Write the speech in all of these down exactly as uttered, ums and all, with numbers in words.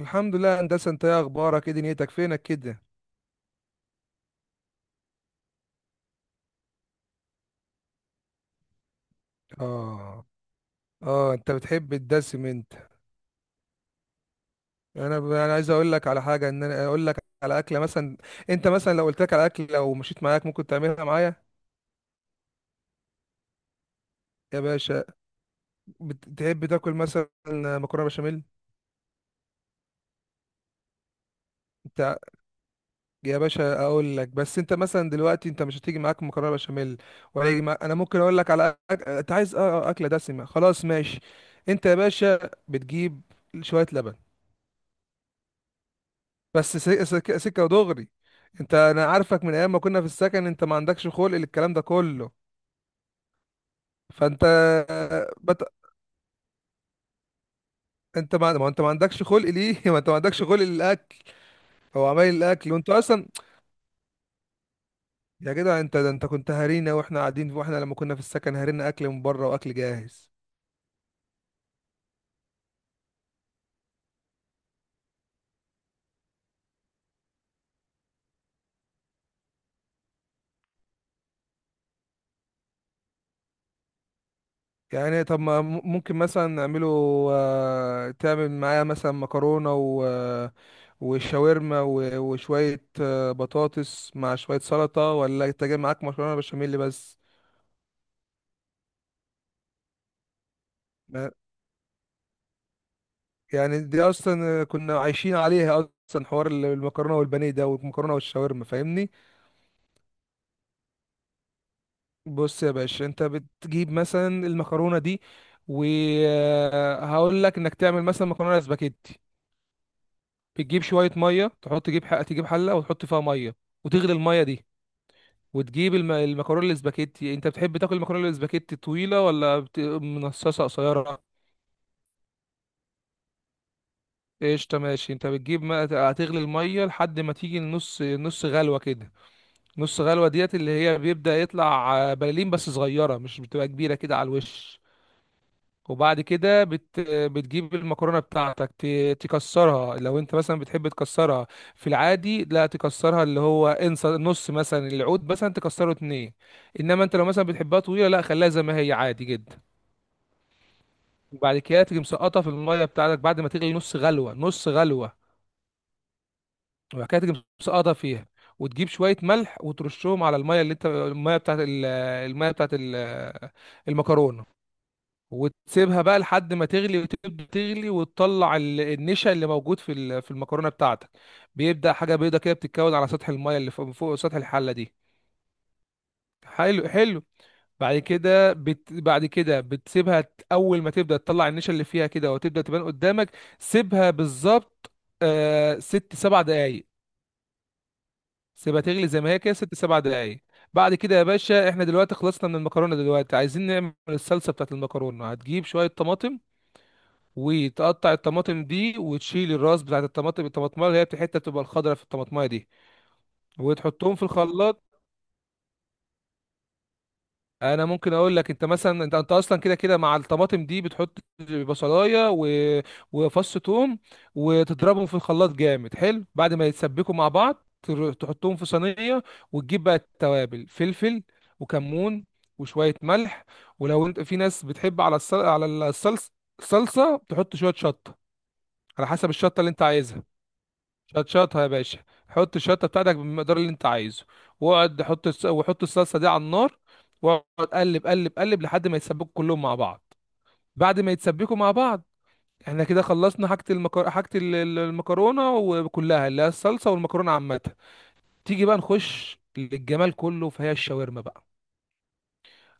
الحمد لله يا هندسه، انت ايه اخبارك؟ ايه دنيتك؟ فينك كده؟ اه، اه، انت بتحب الدسم انت؟ انا ب... انا عايز اقول لك على حاجه، ان انا اقول لك على اكله مثلا. انت مثلا لو قلت لك على اكله، لو مشيت معاك ممكن تعملها معايا؟ يا باشا، بتحب تاكل مثلا مكرونه بشاميل؟ انت يا باشا اقول لك، بس انت مثلا دلوقتي انت مش هتيجي معاك مكرونه بشاميل ولا يجي معاك. انا ممكن اقول لك على أك... انت عايز اه آه، اكله دسمه، خلاص ماشي. انت يا باشا بتجيب شويه لبن، بس سك- سك- سكة ودغري. انت انا عارفك من ايام ما كنا في السكن، انت ما عندكش خلق للكلام ده كله. فانت بت... انت ما... ما انت ما عندكش خلق ليه؟ ما انت ما عندكش خلق للاكل. هو عمال الاكل وانت اصلا يا جدع، انت ده انت كنت هارينا واحنا قاعدين، واحنا لما كنا في السكن هارينا اكل من بره واكل جاهز. يعني طب ما م- ممكن مثلا نعمله. آه، تعمل معاه مثلا مكرونة و آه، وشاورما و- وشوية آه، بطاطس مع شوية سلطة، ولا انت جاي معاك مكرونة بشاميل بس؟ ما- يعني دي أصلا كنا عايشين عليها أصلا، حوار ال- المكرونة والبانيه ده، والمكرونة والشاورما، فاهمني. بص يا باشا، انت بتجيب مثلا المكرونة دي وهقول لك انك تعمل مثلا مكرونة سباكيتي. بتجيب شويه ميه تحط، تجيب حق، تجيب حله وتحط فيها ميه، وتغلي الميه دي. وتجيب الم... المكرونه الاسباجيتي. انت بتحب تاكل المكرونه الاسباجيتي طويله ولا بت... منصصه قصيره؟ قشطه، ماشي. انت بتجيب ما... هتغلي الميه لحد ما تيجي النص، نص غلوه كده. نص غلوه ديت اللي هي بيبدا يطلع آه، بلالين بس صغيره، مش بتبقى كبيره كده على الوش. وبعد كده بت... بتجيب المكرونه بتاعتك، ت... تكسرها لو انت مثلا بتحب تكسرها. في العادي لا تكسرها، اللي هو انسى نص مثلا العود مثلا تكسره اتنين. انما انت لو مثلا بتحبها طويله، لا خليها زي ما هي عادي جدا. وبعد كده تيجي مسقطها في الميه بتاعتك بعد ما تغلي نص غلوه، نص غلوه. وبعد كده تيجي مسقطها فيها. وتجيب شويه ملح وترشهم على الميه، اللي انت الميه بتاعت ال- الميه بتاعت ال- المكرونه. وتسيبها بقى لحد ما تغلي، وتبدا تغلي، وتطلع ال- النشا اللي موجود في ال- في المكرونه بتاعتك. بيبدا حاجه بيضه كده بتتكون على سطح الميه، اللي فوق فوق سطح الحله دي. حلو حلو. بعد كده بت... بعد كده بتسيبها ت- اول ما تبدا تطلع النشا اللي فيها كده وتبدا تبان قدامك. سيبها بالظبط، آه... ست سبع دقايق. سيبها تغلي زي ما هي كده ست سبع دقايق. بعد كده يا باشا، احنا دلوقتي خلصنا من المكرونه. دلوقتي عايزين نعمل الصلصه بتاعت المكرونه. هتجيب شويه طماطم، وتقطع الطماطم دي، وتشيل الراس بتاعت الطماطم، الطماطمايه اللي هي الحته بتبقى الخضراء في الطماطمايه دي. وتحطهم في الخلاط. انا ممكن اقول لك، انت مثلا انت انت اصلا كده كده مع الطماطم دي بتحط بصلايه و... وفص ثوم، وتضربهم في الخلاط جامد حلو. بعد ما يتسبكوا مع بعض تر- تحطهم في صينيه. وتجيب بقى التوابل: فلفل وكمون وشويه ملح. ولو انت في ناس بتحب على الصل... على الصلصه الصلصه تحط شويه شطه. على حسب الشطه اللي انت عايزها. شطشطها يا باشا، حط الشطه بتاعتك بالمقدار اللي انت عايزه. واقعد حط الس... وحط الصلصه دي على النار، واقعد قلب قلب قلب لحد ما يتسبكوا كلهم مع بعض. بعد ما يتسبكوا مع بعض، احنا كده خلصنا حاجه المكر... حاجه ال- ال- المكرونه وكلها، اللي هي الصلصه والمكرونه عامه. تيجي بقى نخش للجمال كله فهي الشاورما بقى.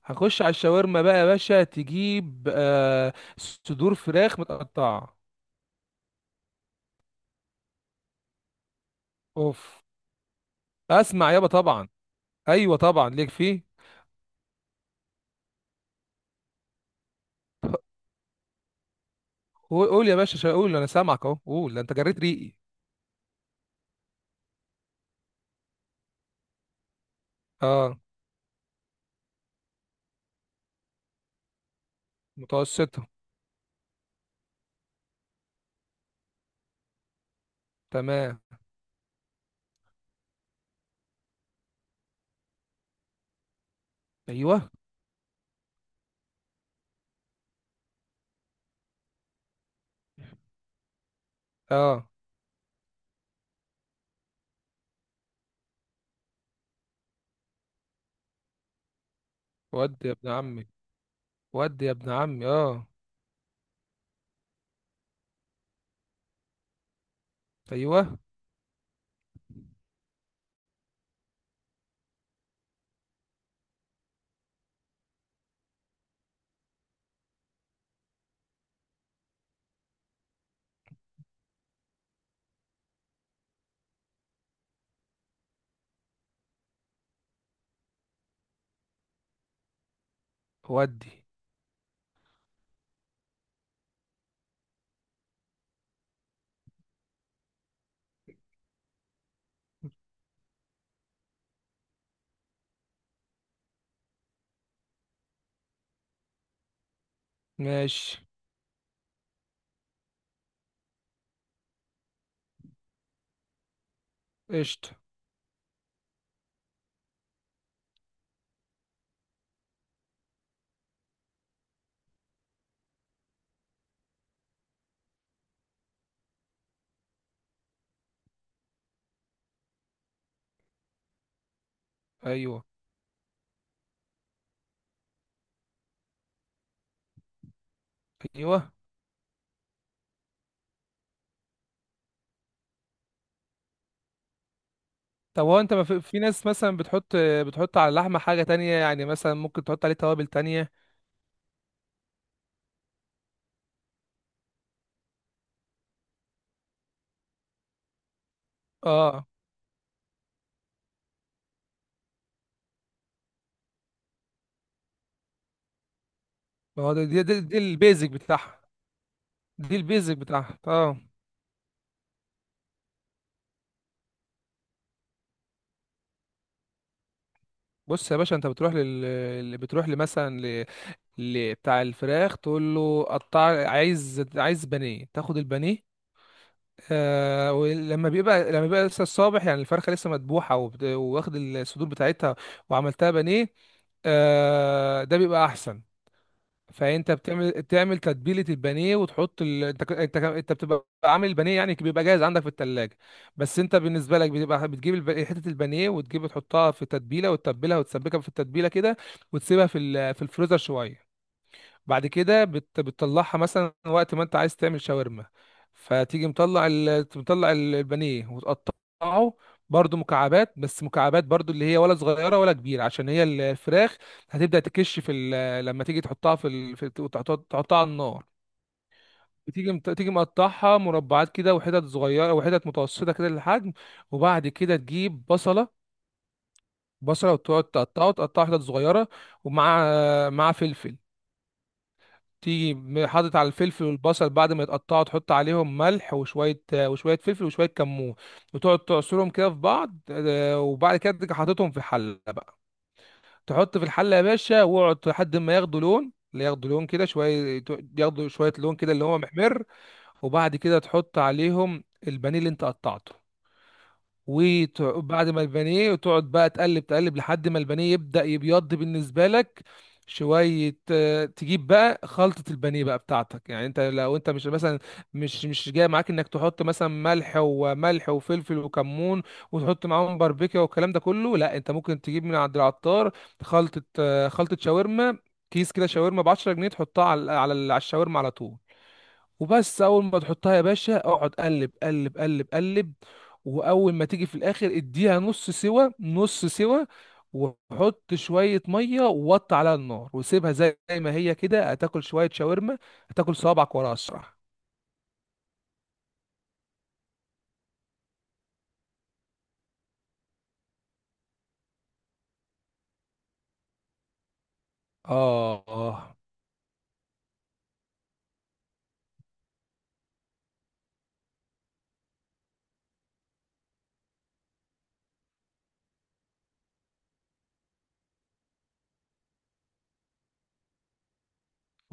هنخش على الشاورما بقى يا باشا، تجيب آه صدور فراخ متقطعه. اوف. اسمع يابا، طبعا. ايوه طبعا ليك فيه. قول قول يا باشا شا- قول، انا سامعك اهو، قول ده انت جريت ريقي. اه. متوسطة. تمام. ايوه. اه. ودي يا ابن عمي، ودي يا ابن عمي، اه. ايوه. ودي. ماشي. قشطة. ايوه. ايوه. طب هو انت، ما في, في ناس مثلا بتحط، بتحط على اللحمة حاجة تانية؟ يعني مثلا ممكن تحط عليه توابل تانية. اه. ما هو ده- دي دي, دي البيزك بتاعها، دي البيزك بتاعها، اه. بص يا باشا، انت بتروح لل اللي بتروح لمثلا ل- بتاع الفراخ، تقول له قطع، عايز عايز بانيه، تاخد البانيه. آه ولما بيبقى لما بيبقى لسه الصابح، يعني الفرخه لسه مذبوحه وبت- واخد الصدور بتاعتها وعملتها بانيه. آه ده بيبقى احسن. فانت بتعمل بتعمل تتبيله البانيه وتحط ال... انت ك- انت ك- انت بتبقى عامل البانيه، يعني بيبقى جاهز عندك في التلاجة. بس انت بالنسبه لك بتبقى بتجيب الب... حته البانيه وتجيب تحطها في تتبيله وتتبلها وتسبكها في التتبيله كده. وتسيبها في ال... في الفريزر شويه. بعد كده بت... بتطلعها مثلا وقت ما انت عايز تعمل شاورما. فتيجي مطلع ال... مطلع ال- البانيه وتقطعه، برضو مكعبات، بس مكعبات برضو اللي هي ولا صغيره ولا كبيره عشان هي الفراخ. هتبدا تكش في ال... لما تيجي تحطها في, ال... في... تحط- تحطها على النار. تيجي مت- تيجي مقطعها مربعات كده، وحتت صغيره وحتت متوسطه كده للحجم. وبعد كده تجيب بصله، بصله، وتقعد تقطعه تقطعه حتت صغيره، ومع مع فلفل. تيجي م- حاطط على الفلفل والبصل. بعد ما يتقطعوا تحط عليهم ملح وشوية وشوية فلفل وشوية كمون، وتقعد تعصرهم كده في بعض، آه، وبعد كده تيجي حاططهم في حلة بقى. تحط في الحلة يا باشا، واقعد لحد ما ياخدوا لون، اللي ياخدوا لون كده شوية، ياخدوا شوية لون كده اللي هو محمر. وبعد كده تحط عليهم البانيه اللي انت قطعته. وبعد ما البانيه وتقعد بقى تقلب تقلب لحد ما البانيه يبدأ يبيض بالنسبة لك شوية. آه، تجيب بقى خلطة البانيه بقى بتاعتك. يعني انت لو انت مش مثلا مش مش جاي معاك انك تحط مثلا ملح وملح وفلفل وكمون، وتحط معاهم باربيكيا والكلام ده كله، لا. انت ممكن تجيب من عند العطار خلطة، آه، خلطة شاورما، كيس كده شاورما ب عشرة جنيه، تحطها على على على الشاورما على طول. وبس اول ما تحطها يا باشا اقعد قلب قلب قلب قلب. واول ما تيجي في الاخر اديها نص سوا، نص سوا. وحط شوية مية ووطي عليها النار وسيبها زي ما هي كده، هتاكل شوية شاورما هتاكل صوابعك ورا اسرع. اه. اه.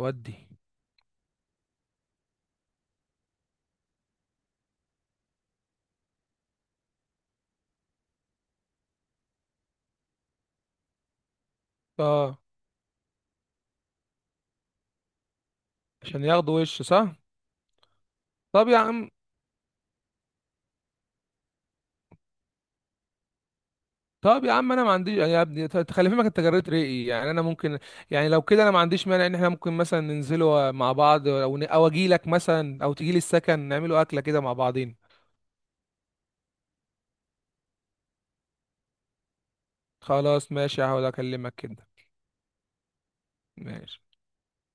ودي. اه، عشان ياخدوا وش، صح. طب يا عم. طب يا عم انا ما عنديش، يعني يا ابني ت- تخلي فهمك، انت جريت رأيي. يعني انا ممكن، يعني لو كده انا ما عنديش مانع ان احنا ممكن مثلا ننزلوا مع بعض، او ن- او اجي لك مثلا او تجي لي السكن نعملوا اكله كده مع بعضين. خلاص ماشي، هحاول اكلمك كده. ماشي.